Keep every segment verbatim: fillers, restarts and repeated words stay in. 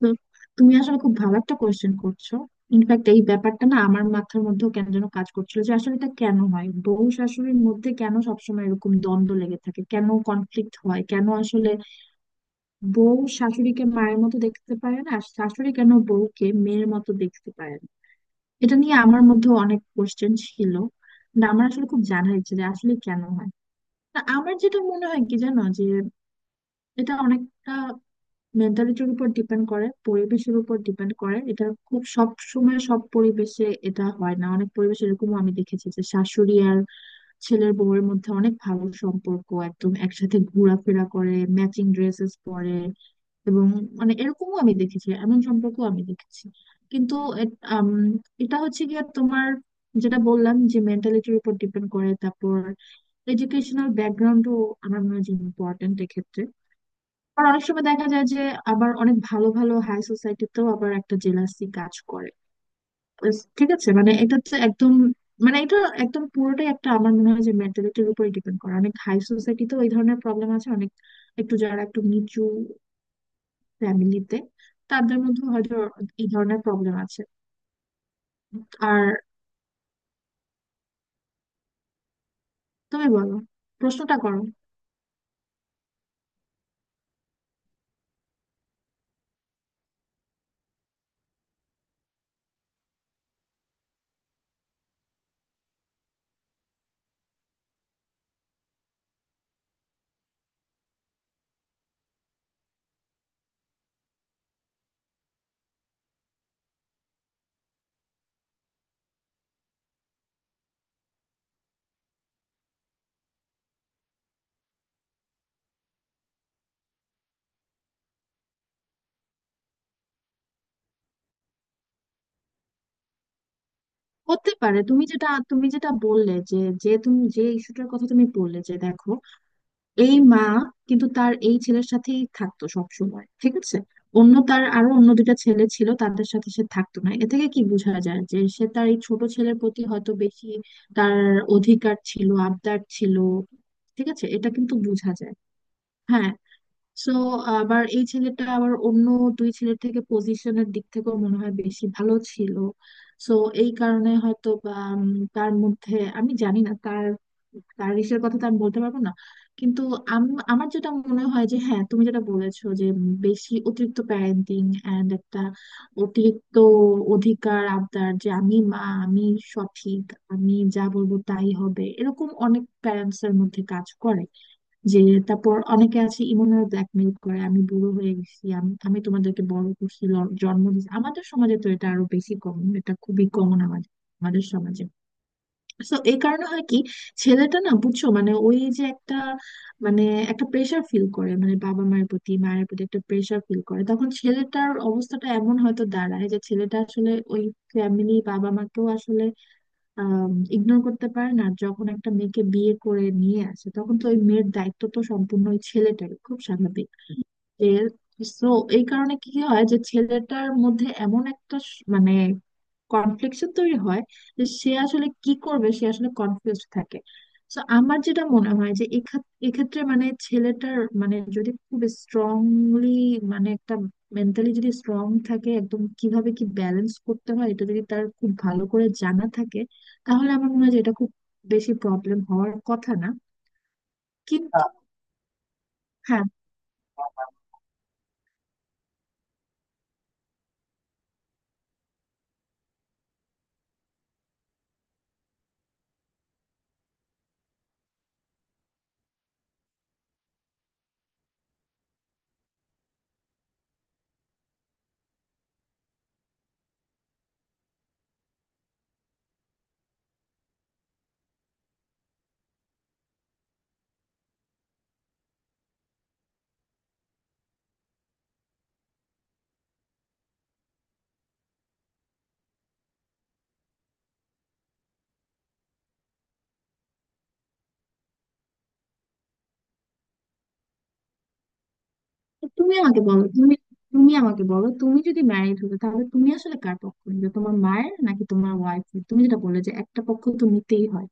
তো তুমি আসলে খুব ভালো একটা কোয়েশ্চেন করছো। ইনফ্যাক্ট এই ব্যাপারটা না আমার মাথার মধ্যেও কেন যেন কাজ করছিল যে আসলে এটা কেন হয়, বউ শাশুড়ির মধ্যে কেন সবসময় এরকম দ্বন্দ্ব লেগে থাকে, কেন কনফ্লিক্ট হয়, কেন আসলে বউ শাশুড়িকে মায়ের মতো দেখতে পারে না আর শাশুড়ি কেন বউকে মেয়ের মতো দেখতে পারে না। এটা নিয়ে আমার মধ্যে অনেক কোয়েশ্চেন ছিল। না, আমার আসলে খুব জানার ইচ্ছে যে আসলে কেন হয়। তা আমার যেটা মনে হয় কি জানো, যে এটা অনেকটা মেন্টালিটির উপর ডিপেন্ড করে, পরিবেশের উপর ডিপেন্ড করে। এটা খুব সব সময় সব পরিবেশে এটা হয় না। অনেক পরিবেশে এরকমও আমি দেখেছি যে শাশুড়ি আর ছেলের বউয়ের মধ্যে অনেক ভালো সম্পর্ক, একদম একসাথে ঘোরাফেরা করে, ম্যাচিং ড্রেসেস পরে। এবং মানে এরকমও আমি দেখেছি, এমন সম্পর্ক আমি দেখেছি। কিন্তু এ- আম, এটা হচ্ছে গিয়ে তোমার যেটা বললাম যে মেন্টালিটির উপর ডিপেন্ড করে, তারপর এডুকেশনাল ব্যাকগ্রাউন্ডও আমার মনে হয় যে ইম্পর্টেন্ট। আর অনেক সময় দেখা যায় যে আবার অনেক ভালো ভালো হাই সোসাইটিতেও আবার একটা জেলাসি কাজ করে। উস, ঠিক আছে, মানে এটা তো একদম মানে এটা একদম পুরোটাই একটা আমার মনে হয় যে মেন্টালিটির উপরে ডিপেন্ড করে। অনেক হাই সোসাইটিতেও এই ধরনের প্রবলেম আছে, অনেক একটু যারা একটু নিচু ফ্যামিলিতে তাদের মধ্যে হয়তো এই ধরনের প্রবলেম আছে। আর তুমি বলো, প্রশ্নটা করো। হতে পারে, তুমি যেটা তুমি যেটা বললে যে, যে তুমি যে ইস্যুটার কথা তুমি বললে যে দেখো, এই মা কিন্তু তার এই ছেলের সাথেই থাকতো সব সময়, ঠিক আছে। অন্য তার আরো অন্য দুইটা ছেলে ছিল, তাদের সাথে সে থাকতো না। এ থেকে কি বোঝা যায় যে সে তার এই ছোট ছেলের প্রতি হয়তো বেশি তার অধিকার ছিল, আবদার ছিল। ঠিক আছে, এটা কিন্তু বোঝা যায়। হ্যাঁ, সো আবার এই ছেলেটা আবার অন্য দুই ছেলের থেকে পজিশনের দিক থেকেও মনে হয় বেশি ভালো ছিল। সো এই কারণে হয়তো বা উম, তার মধ্যে আমি জানি না, তার তার ইসের কথা তো আমি বলতে পারবো না। কিন্তু আম- আমার যেটা মনে হয় যে হ্যাঁ, তুমি যেটা বলেছো যে উম, বেশি অতিরিক্ত প্যারেন্টিং এন্ড একটা অতিরিক্ত অধিকার আবদার যে আমি মা, আমি সঠিক, আমি যা বলবো তাই হবে, এরকম অনেক প্যারেন্টস এর মধ্যে কাজ করে। যে তারপর অনেকে আছে ইমোশনাল ব্ল্যাকমেল করে, আমি বুড়ো হয়ে গেছি, আমি আমি তোমাদেরকে বড় করছি, ল- জন্ম দিয়েছি। আমাদের সমাজে তো এটা আরো বেশি কমন, এটা খুবই কমন আমাদের আমাদের সমাজে। তো এই কারণে হয় কি, ছেলেটা না বুঝছো মানে ওই যে একটা মানে একটা প্রেশার ফিল করে মানে বাবা মায়ের প্রতি, মায়ের প্রতি একটা প্রেশার ফিল করে। তখন ছেলেটার অবস্থাটা এমন হয়তো দাঁড়ায় যে ছেলেটা আসলে ওই ফ্যামিলি বাবা মাকেও আসলে ইগনোর করতে পারেন। আর যখন একটা মেয়েকে বিয়ে করে নিয়ে আসে তখন তো ওই মেয়ের দায়িত্ব তো সম্পূর্ণ ওই ছেলেটার, খুব স্বাভাবিক। তো এই কারণে কি হয় যে ছেলেটার মধ্যে এমন একটা স- মানে কনফ্লিকশন তৈরি হয় যে সে আসলে কি করবে, সে আসলে কনফিউজ থাকে। তো আমার যেটা মনে হয় যে এক্ষেত- এক্ষেত্রে মানে ছেলেটার মানে যদি খুব স্ট্রংলি মানে একটা মেন্টালি যদি স্ট্রং থাকে একদম, কিভাবে কি ব্যালেন্স করতে হয় এটা যদি তার খুব ভালো করে জানা থাকে তাহলে আমার মনে হয় যে এটা খুব বেশি প্রবলেম হওয়ার কথা না। কিন্তু হ্যাঁ, তো তুমি আমাকে বলো, তুমি তুমি আমাকে বলো তুমি যদি ম্যারিড হতো তাহলে তুমি আসলে কার পক্ষ নিতে, তোমার মায়ের নাকি তোমার ওয়াইফের, তুমি যেটা বললে যে একটা পক্ষ তো নিতেই হয়।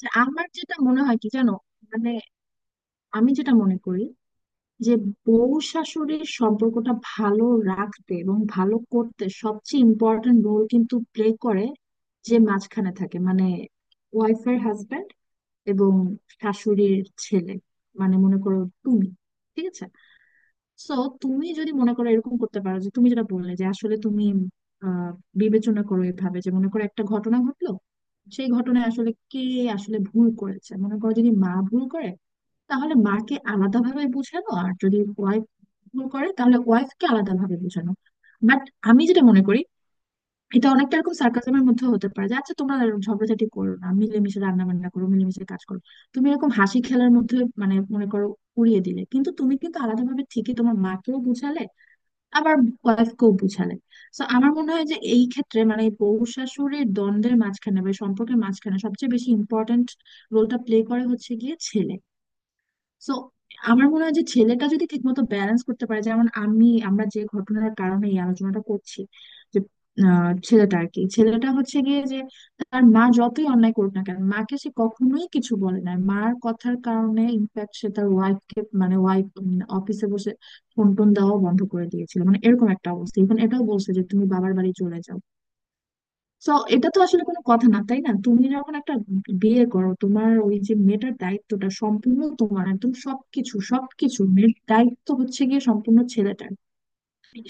যে আমার যেটা মনে হয় কি জানো, মানে আমি যেটা মনে করি যে বউ শাশুড়ির সম্পর্কটা ভালো রাখতে এবং ভালো করতে সবচেয়ে ইম্পর্টেন্ট রোল কিন্তু প্লে করে যে মাঝখানে থাকে, মানে ওয়াইফের হাজবেন্ড এবং শাশুড়ির ছেলে। মানে মনে করো তুমি, ঠিক আছে, সো তুমি যদি মনে করো এরকম করতে পারো যে তুমি যেটা বললে যে আসলে তুমি আহ বিবেচনা করো এভাবে যে মনে করো একটা ঘটনা ঘটলো, সেই ঘটনায় আসলে কে আসলে ভুল করেছে, মনে করো যদি মা ভুল করে তাহলে মাকে আলাদাভাবে বোঝানো, আর যদি ওয়াইফ ভুল করে তাহলে ওয়াইফকে আলাদাভাবে বোঝানো। বাট আমি যেটা মনে করি, এটা অনেকটা এরকম সার্কাসমের মধ্যে হতে পারে যে আচ্ছা তোমরা এরকম ঝগড়াঝাটি করো না, মিলেমিশে রান্না বান্না করো, মিলেমিশে কাজ করো। তুমি এরকম হাসি খেলার মধ্যে মানে মনে করো উড়িয়ে দিলে, কিন্তু তুমি কিন্তু আলাদাভাবে ঠিকই তোমার মাকেও বুঝালে, আবার ওয়াইফকেও বুঝালে। তো আমার মনে হয় যে এই ক্ষেত্রে মানে এই বউ শাশুড়ির দ্বন্দ্বের মাঝখানে বা এই সম্পর্কের মাঝখানে সবচেয়ে বেশি ইম্পর্ট্যান্ট রোলটা প্লে করে হচ্ছে গিয়ে ছেলে। সো আমার মনে হয় যে ছেলেটা যদি ঠিকমতো ব্যালেন্স করতে পারে, যেমন আমি আমরা যে ঘটনার কারণে এই আলোচনাটা করছি যে আহ, ছেলেটা আর কি, ছেলেটা হচ্ছে গিয়ে যে তার মা যতই অন্যায় করুক না কেন মাকে সে কখনোই কিছু বলে না, মার কথার কারণে ইনফ্যাক্ট সে তার ওয়াইফকে মানে ওয়াইফ অফিসে বসে ফোন টোন দেওয়াও বন্ধ করে দিয়েছিল, মানে এরকম একটা অবস্থা। ইভেন এটাও বলছে যে তুমি বাবার বাড়ি চলে যাও। তো এটা তো আসলে কোনো কথা না, তাই না? তুমি যখন একটা বিয়ে করো তোমার ওই যে মেয়েটার দায়িত্বটা সম্পূর্ণ তোমার, একদম সবকিছু সবকিছু মেয়ের দায়িত্ব হচ্ছে গিয়ে সম্পূর্ণ ছেলেটার।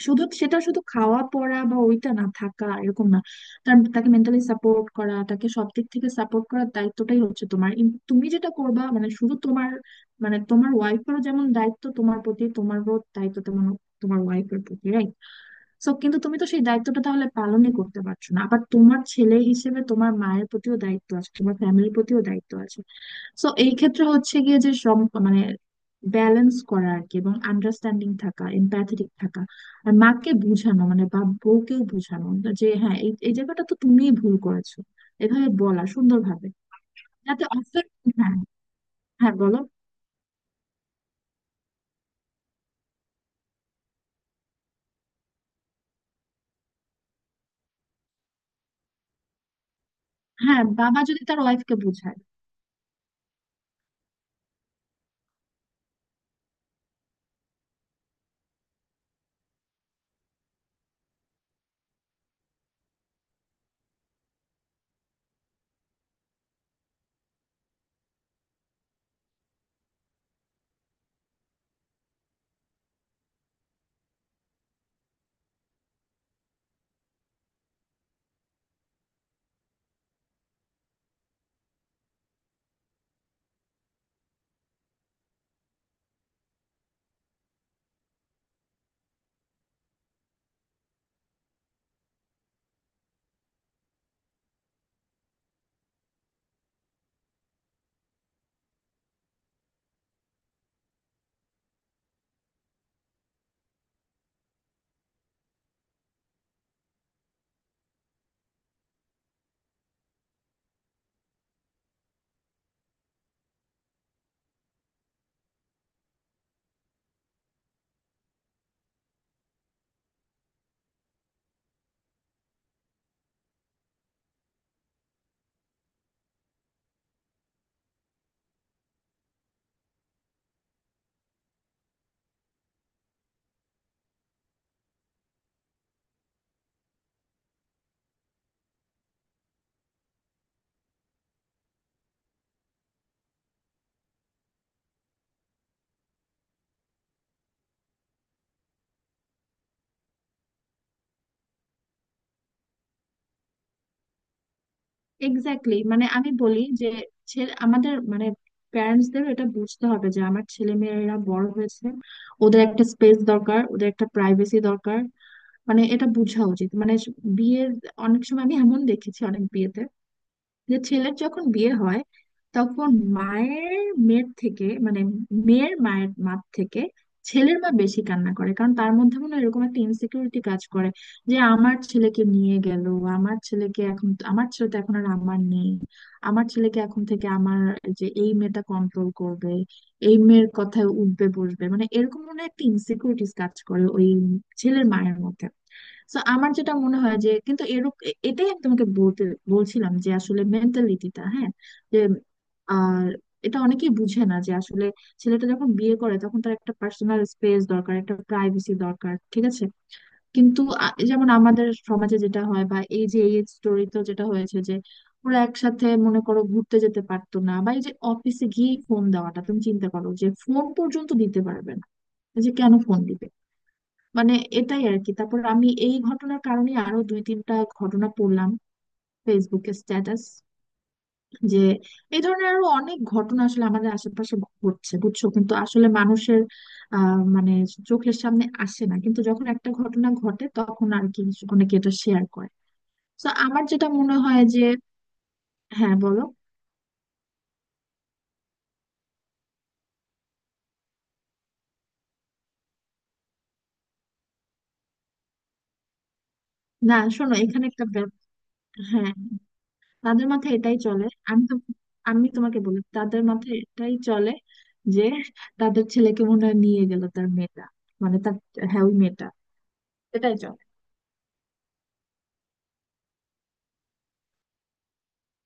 শুধু সেটা শুধু খাওয়া পড়া বা ওইটা না থাকা এরকম না, তার- তাকে মেন্টালি সাপোর্ট করা, তাকে সব দিক থেকে সাপোর্ট করার দায়িত্বটাই হচ্ছে তোমার। ইন- তুমি যেটা করবা মানে শুধু তোমার মানে তোমার ওয়াইফেরও যেমন দায়িত্ব তোমার প্রতি, তোমারও দায়িত্ব তেমন তোমার ওয়াইফের প্রতি, right? সো কিন্তু তুমি তো সেই দায়িত্বটা তাহলে পালনই করতে পারছো না। আবার তোমার ছেলে হিসেবে তোমার মায়ের প্রতিও দায়িত্ব আছে, তোমার ফ্যামিলির প্রতিও দায়িত্ব আছে। সো এই ক্ষেত্রে হচ্ছে গিয়ে যে সব মানে ব্যালেন্স করা আর কি, এবং আন্ডারস্ট্যান্ডিং থাকা, এমপ্যাথেটিক থাকা। আর মাকে বোঝানো মানে বা বউকেও বোঝানো যে হ্যাঁ এই এই জায়গাটা তো তুমিই ভুল করেছো, এভাবে বলা সুন্দরভাবে যাতে অফেক্ট। হ্যাঁ, হ্যাঁ বলো। হ্যাঁ, বাবা যদি তার ওয়াইফকে বোঝায়। এক্স্যাক্টলি, মানে আমি বলি যে ছেলে আমাদের মানে প্যারেন্টস দের এটা বুঝতে হবে যে আমার ছেলে মেয়েরা বড় হয়েছে, ওদের একটা স্পেস দরকার, ওদের একটা প্রাইভেসি দরকার। মানে এটা বোঝা উচিত মানে স- বিয়ের অনেক সময় আমি এমন দেখেছি অনেক বিয়েতে যে ছেলের যখন বিয়ে হয় তখন মায়ের মেয়ের থেকে মানে মেয়ের মায়ের মা থেকে ছেলের মা বেশি কান্না করে কারণ তার মধ্যে মনে হয় এরকম একটা ইনসিকিউরিটি কাজ করে যে আমার ছেলেকে নিয়ে গেল, আমার ছেলেকে এখন, আমার ছেলে তো এখন আর আমার নেই, আমার ছেলেকে এখন থেকে আমার যে এই মেয়েটা কন্ট্রোল করবে, এই মেয়ের কথায় উঠবে বসবে, মানে এরকম মনে হয় একটা ইনসিকিউরিটিস কাজ করে ওই ছেলের মায়ের মধ্যে। তো আমার যেটা মনে হয় যে কিন্তু এরূপ এ- এটাই আমি তোমাকে বলতে বলছিলাম যে আসলে মেন্টালিটিটা, হ্যাঁ। যে আর এটা অনেকেই বুঝে না যে আসলে ছেলেটা যখন বিয়ে করে তখন তার একটা পার্সোনাল স্পেস দরকার, একটা প্রাইভেসি দরকার, ঠিক আছে। কিন্তু আ- যেমন আমাদের সমাজে যেটা হয় বা এই যে এই স্টোরি তো যেটা হয়েছে যে ওরা একসাথে মনে করো ঘুরতে যেতে পারতো না, বা এই যে অফিসে গিয়ে ফোন দেওয়াটা, তুমি চিন্তা করো যে ফোন পর্যন্ত দিতে পারবে না, এই যে কেন ফোন দিবে, মানে এটাই আর কি। তারপর আমি এই ঘটনার কারণে আরো দুই তিনটা ঘটনা পড়লাম ফেসবুকে স্ট্যাটাস, যে এই ধরনের আরো অনেক ঘটনা আসলে আমাদের আশেপাশে ঘটছে, বুঝছো, কিন্তু আসলে মানুষের আহ মানে চোখের সামনে আসে না, কিন্তু যখন একটা ঘটনা ঘটে তখন আর কি অনেকে এটা শেয়ার করে। তো আমার যেটা মনে হয় যে, হ্যাঁ বলো। না, শোনো এখানে একটা ব্যাপ- হ্যাঁ, তাদের মাথায় এটাই চলে। আমি তো আমি তোমাকে বলি, তাদের মাথায় এটাই চলে যে তাদের ছেলেকে মনে হয় নিয়ে গেল তার মেয়েটা, মানে তার, হ্যাঁ ওই মেয়েটা, এটাই চলে।